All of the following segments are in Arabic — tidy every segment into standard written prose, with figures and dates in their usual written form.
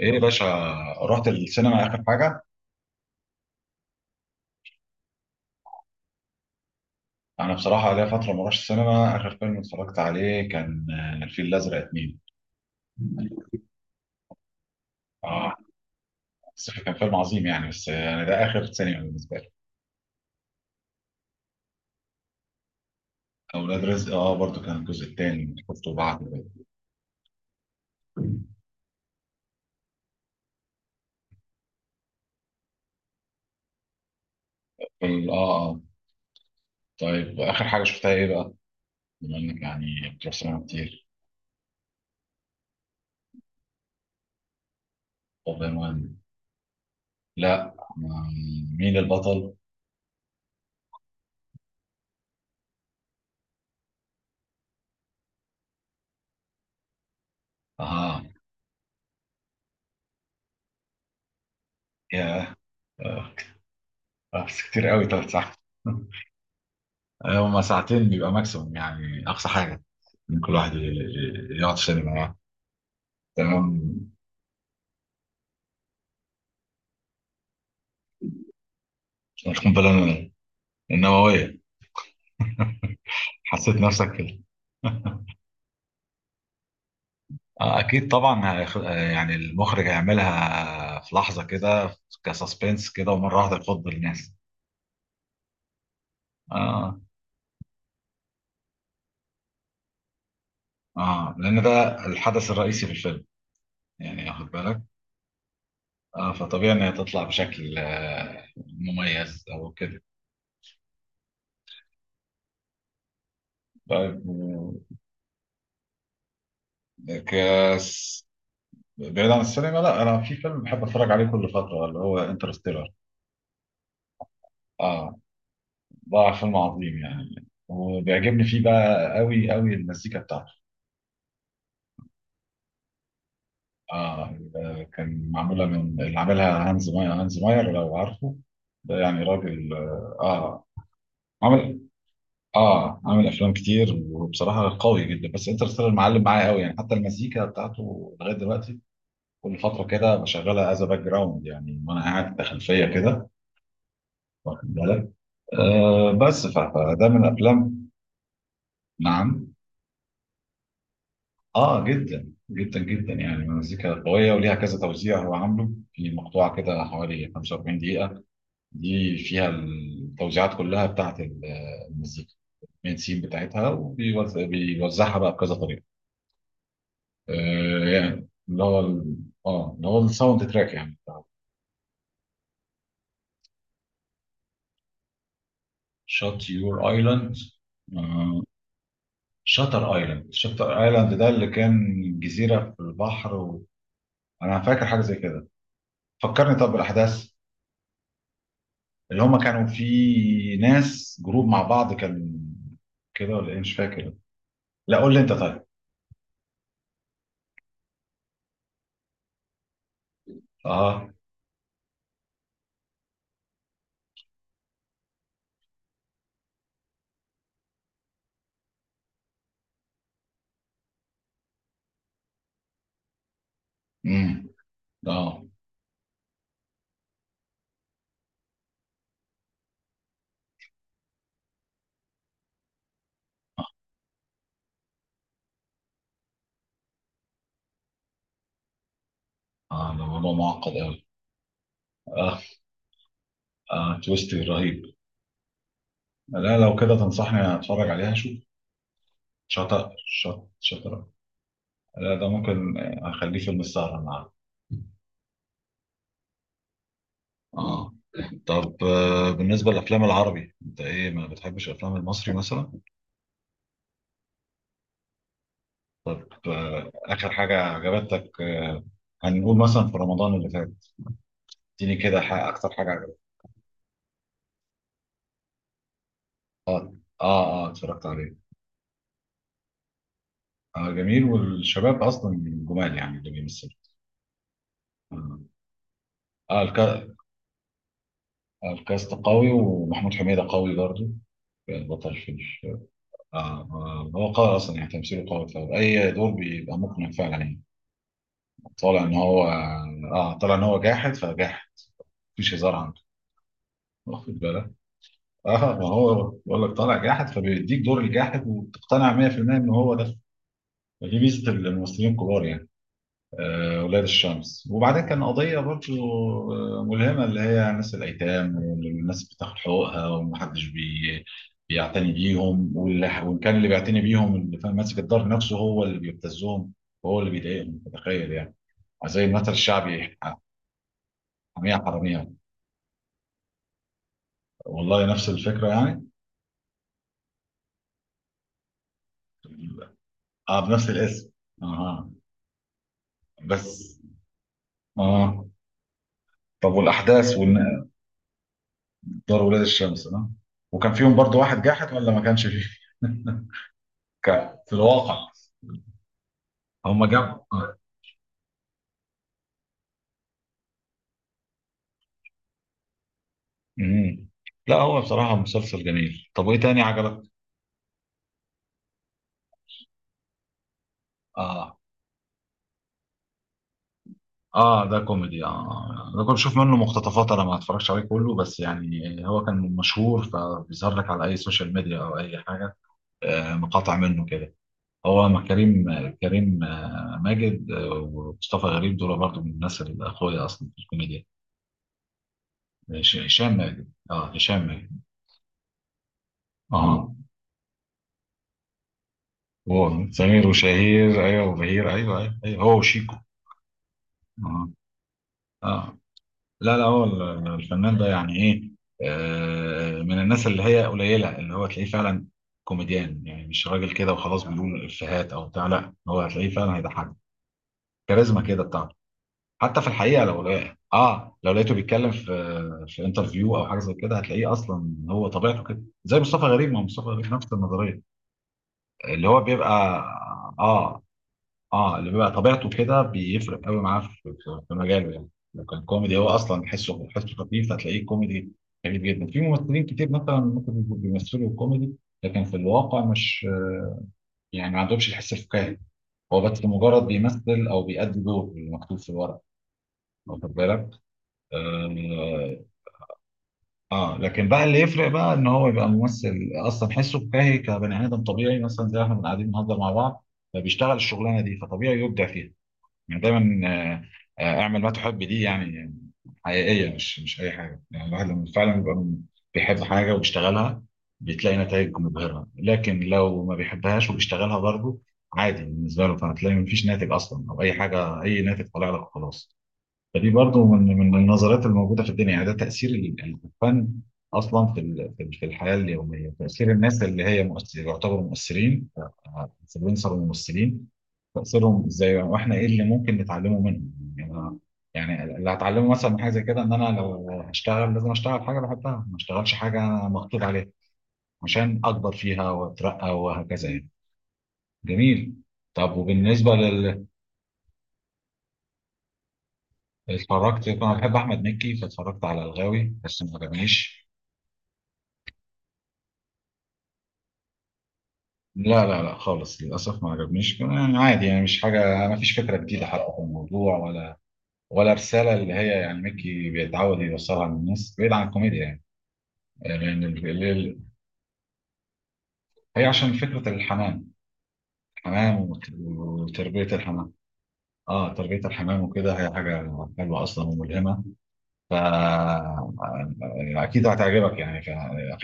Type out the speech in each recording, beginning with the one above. ايه يا باشا؟ رحت السينما اخر حاجه. انا بصراحه ليا فتره ما رحتش السينما. اخر فيلم اتفرجت عليه كان الفيل الازرق اتنين. اه بس كان فيلم عظيم يعني. بس انا ده اخر سينما بالنسبه لي. اولاد رزق اه برضو، كان الجزء الثاني شفته بعد اه. اه طيب، اخر حاجه شفتها ايه بقى؟ بما انك يعني بتروح سينما كتير. طب يا مان، لا ما- مين البطل؟ اه. ياه. آه، بس كتير قوي ثلاث ساعات. هما ساعتين بيبقى ماكسيموم، يعني أقصى حاجة إن كل واحد يقعد سينما بقى. تمام. مش قنبلة النووية؟ حسيت نفسك كده. أكيد طبعا يعني المخرج هيعملها في لحظة كده، كسسبنس كده ومرة واحدة يخض الناس. آه، آه، لأن ده الحدث الرئيسي في الفيلم، يعني واخد بالك. آه، فطبيعي إن هي تطلع بشكل مميز أو كده. طيب كاس. بعيد عن السينما، لا انا في فيلم بحب اتفرج عليه كل فتره، اللي هو انترستيلر. اه ده فيلم عظيم يعني، وبيعجبني فيه بقى قوي قوي المزيكا بتاعته. اه كان معموله من اللي عاملها هانز ماير. هانز ماير لو عارفه، ده يعني راجل اه عامل. اه عامل افلام كتير وبصراحه قوي جدا، بس انترستيلر معلم معايا قوي يعني، حتى المزيكا بتاعته لغايه دلوقتي كل فتره كده بشغلها از باك جراوند يعني، وانا قاعد في خلفيه كده، واخد بالك. آه بس فده من افلام. نعم. اه جدا جدا جدا، يعني مزيكا قويه وليها كذا توزيع. هو عامله في مقطوعه كده حوالي 45 دقيقه، دي فيها التوزيعات كلها بتاعت المزيكا، المين سين بتاعتها، وبيوزعها بقى بكذا طريقه. آه يعني اللي هو اللي هو الساوند تراك يعني بتاع. شات يور ايلاند. شاتر ايلاند، شاتر ايلاند ده اللي كان جزيره في البحر و... انا فاكر حاجه زي كده. فكرني طب بالاحداث. اللي هم كانوا في ناس جروب مع بعض كان كده ولا ايه، مش فاكر. لا قول لي انت طيب. اه. امم. اه. اه ده موضوع معقد قوي. اه. اه تويست رهيب. لا لو كده تنصحني اتفرج عليها اشوف. شاطر. شاطر شاطر. لا ده ممكن اخليه فيلم السهرة النهارده. اه. طب بالنسبة للافلام العربي، انت ايه؟ ما بتحبش الافلام المصري مثلا؟ طب آخر حاجة عجبتك هنقول مثلا في رمضان اللي فات، اديني كده حاجة، أكتر حاجة عجبتك. اه. اه. اه اتفرجت عليه. آه جميل، والشباب أصلا جمال يعني اللي بيمثلوا. اه آه، الكا- الكاست قوي، ومحمود حميدة قوي برضه، بطل في آه. هو قوي أصلا يعني، تمثيله قوي فأي دور بيبقى مقنع فعلا يعني. طالع إن هو اه طالع إن هو جاحد فجاحد، مفيش هزار عنده، واخد بالك. اه ما هو بقول لك طالع جاحد فبيديك دور الجاحد وبتقتنع 100% ان هو ده. دي ميزه الممثلين الكبار يعني. آه ولاد الشمس، وبعدين كان قضيه برضه ملهمه، اللي هي ناس الايتام والناس بتاخد حقوقها ومحدش بيعتني بيهم، وان كان اللي بيعتني بيهم اللي فاهم ماسك الدار نفسه هو اللي بيبتزهم وهو اللي بيضايقهم، تخيل يعني، زي المثل الشعبي، حمية حرامية. والله نفس الفكرة يعني. اه بنفس الاسم. اها بس. اه. طب والأحداث ودار ولاد الشمس، ها؟ وكان فيهم برضو واحد جاحد ولا ما كانش فيه؟ كان في الواقع. هم جابوا آه. مم. لا هو بصراحة مسلسل جميل. طب وإيه تاني عجبك؟ آه. آه ده كوميدي، آه ده كنت بشوف منه مقتطفات، أنا ما اتفرجتش عليه كله، بس يعني هو كان مشهور فبيظهر لك على أي سوشيال ميديا أو أي حاجة، آه مقاطع منه كده. هو مع كريم، كريم ماجد ومصطفى غريب، دول برضو من الناس اللي أخويا أصلا في الكوميديا. ماشي، هشام ماجد، اه هشام ماجد. اه. هو سمير وشهير ايوه وبهير، ايوه ايوه، أيوة. هو وشيكو. اه. اه لا لا، هو الفنان ده يعني ايه، آه من الناس اللي هي قليله، اللي هو تلاقيه فعلا كوميديان يعني، مش راجل كده وخلاص بيقول افيهات او بتاع، لا هو هتلاقيه فعلا هيضحك، كاريزما كده بتاعته. حتى في الحقيقه لو لقى اه لو لقيته بيتكلم في في انترفيو او حاجه زي كده، هتلاقيه اصلا هو طبيعته كده، زي مصطفى غريب. ما هو مصطفى غريب نفس النظريه، اللي هو بيبقى اه. اه اللي بيبقى طبيعته كده بيفرق قوي معاه في مجاله يعني، لو كان كوميدي هو اصلا حسه خفيف، هتلاقيه كوميدي خفيف جدا. في ممثلين كتير مثلا ممكن يبقوا بيمثلوا كوميدي لكن في الواقع مش، يعني ما عندهمش الحس الفكاهي، هو بس مجرد بيمثل او بيأدي دور مكتوب في الورق، واخد بالك. آه. اه لكن بقى اللي يفرق بقى ان هو يبقى ممثل اصلا حسه فكاهي كبني ادم طبيعي، مثلا زي احنا بنبقى قاعدين بنهزر مع بعض، فبيشتغل الشغلانه دي، فطبيعي يبدع فيها يعني. دايما اعمل ما تحب دي يعني، حقيقيه، مش اي حاجه يعني. الواحد لما فعلا بيبقى بيحب حاجه وبيشتغلها بتلاقي نتائج مبهره، لكن لو ما بيحبهاش وبيشتغلها برضه عادي بالنسبه له، فهتلاقي مفيش ناتج اصلا، او اي حاجه، اي ناتج طالع لك خلاص. فدي برضو من النظريات الموجوده في الدنيا يعني. ده تاثير الفن اصلا في في الحياه اليوميه، تاثير الناس اللي هي مؤثر، يعتبروا مؤثرين، انفلونسر وممثلين، تاثيرهم ازاي، واحنا ايه اللي ممكن نتعلمه منهم. يعني أنا- يعني اللي هتعلمه مثلا من حاجه زي كده ان انا لو هشتغل لازم اشتغل حاجه بحبها، ما اشتغلش حاجه انا مخطوط عليها، عشان اكبر فيها واترقى وهكذا يعني. جميل. طب وبالنسبه لل. اتفرجت، انا بحب احمد مكي فاتفرجت على الغاوي بس ما عجبنيش. لا لا لا خالص، للأسف ما عجبنيش كمان، يعني عادي يعني، مش حاجة، ما فيش فكرة جديدة حتى في الموضوع، ولا ولا رسالة اللي هي يعني ميكي بيتعود يوصلها للناس بعيد عن الكوميديا يعني. يعني لأن هي عشان فكرة الحمام، حمام وتربية الحمام. اه تربية الحمام وكده هي حاجة حلوة أصلا وملهمة، ف اكيد هتعجبك يعني.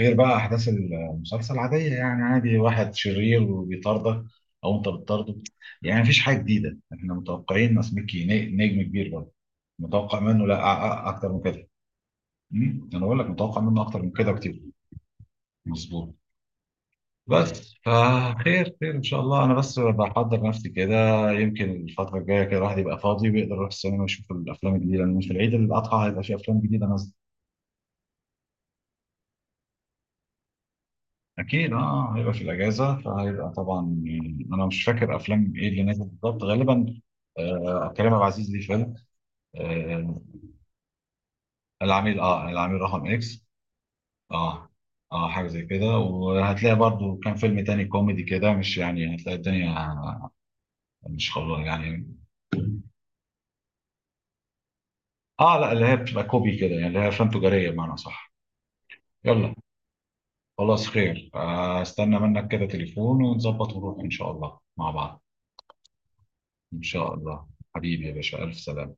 غير بقى احداث المسلسل عاديه يعني، عادي واحد شرير وبيطاردك او انت بتطارده، يعني مفيش حاجه جديده، احنا متوقعين ناس مكي نجم كبير برضه، متوقع منه لا أ- أ- اكتر من كده. أمم، انا بقول لك متوقع منه اكتر من كده بكتير. مظبوط. بس فخير خير ان شاء الله، انا بس بحضر نفسي كده، يمكن الفتره الجايه كده الواحد يبقى فاضي ويقدر يروح السينما يشوف الافلام الجديده، لان في العيد الاضحى هيبقى في افلام جديده نازله. اكيد اه، هيبقى في الاجازه فهيبقى طبعا يعني. انا مش فاكر افلام ايه اللي نازل بالظبط، غالبا آه كريم عبد العزيز ليه فيلم، آه العميل، اه العميل رقم اكس. اه، اه حاجه زي كده. وهتلاقي برضو كان فيلم تاني كوميدي كده، مش يعني هتلاقي الدنيا، مش خلاص يعني. اه لا، اللي هي بتبقى كوبي كده يعني، اللي هي افلام تجاريه بمعنى صح. يلا خلاص، خير. استنى منك كده تليفون ونظبط ونروح ان شاء الله مع بعض. ان شاء الله. حبيبي يا باشا، الف سلامه.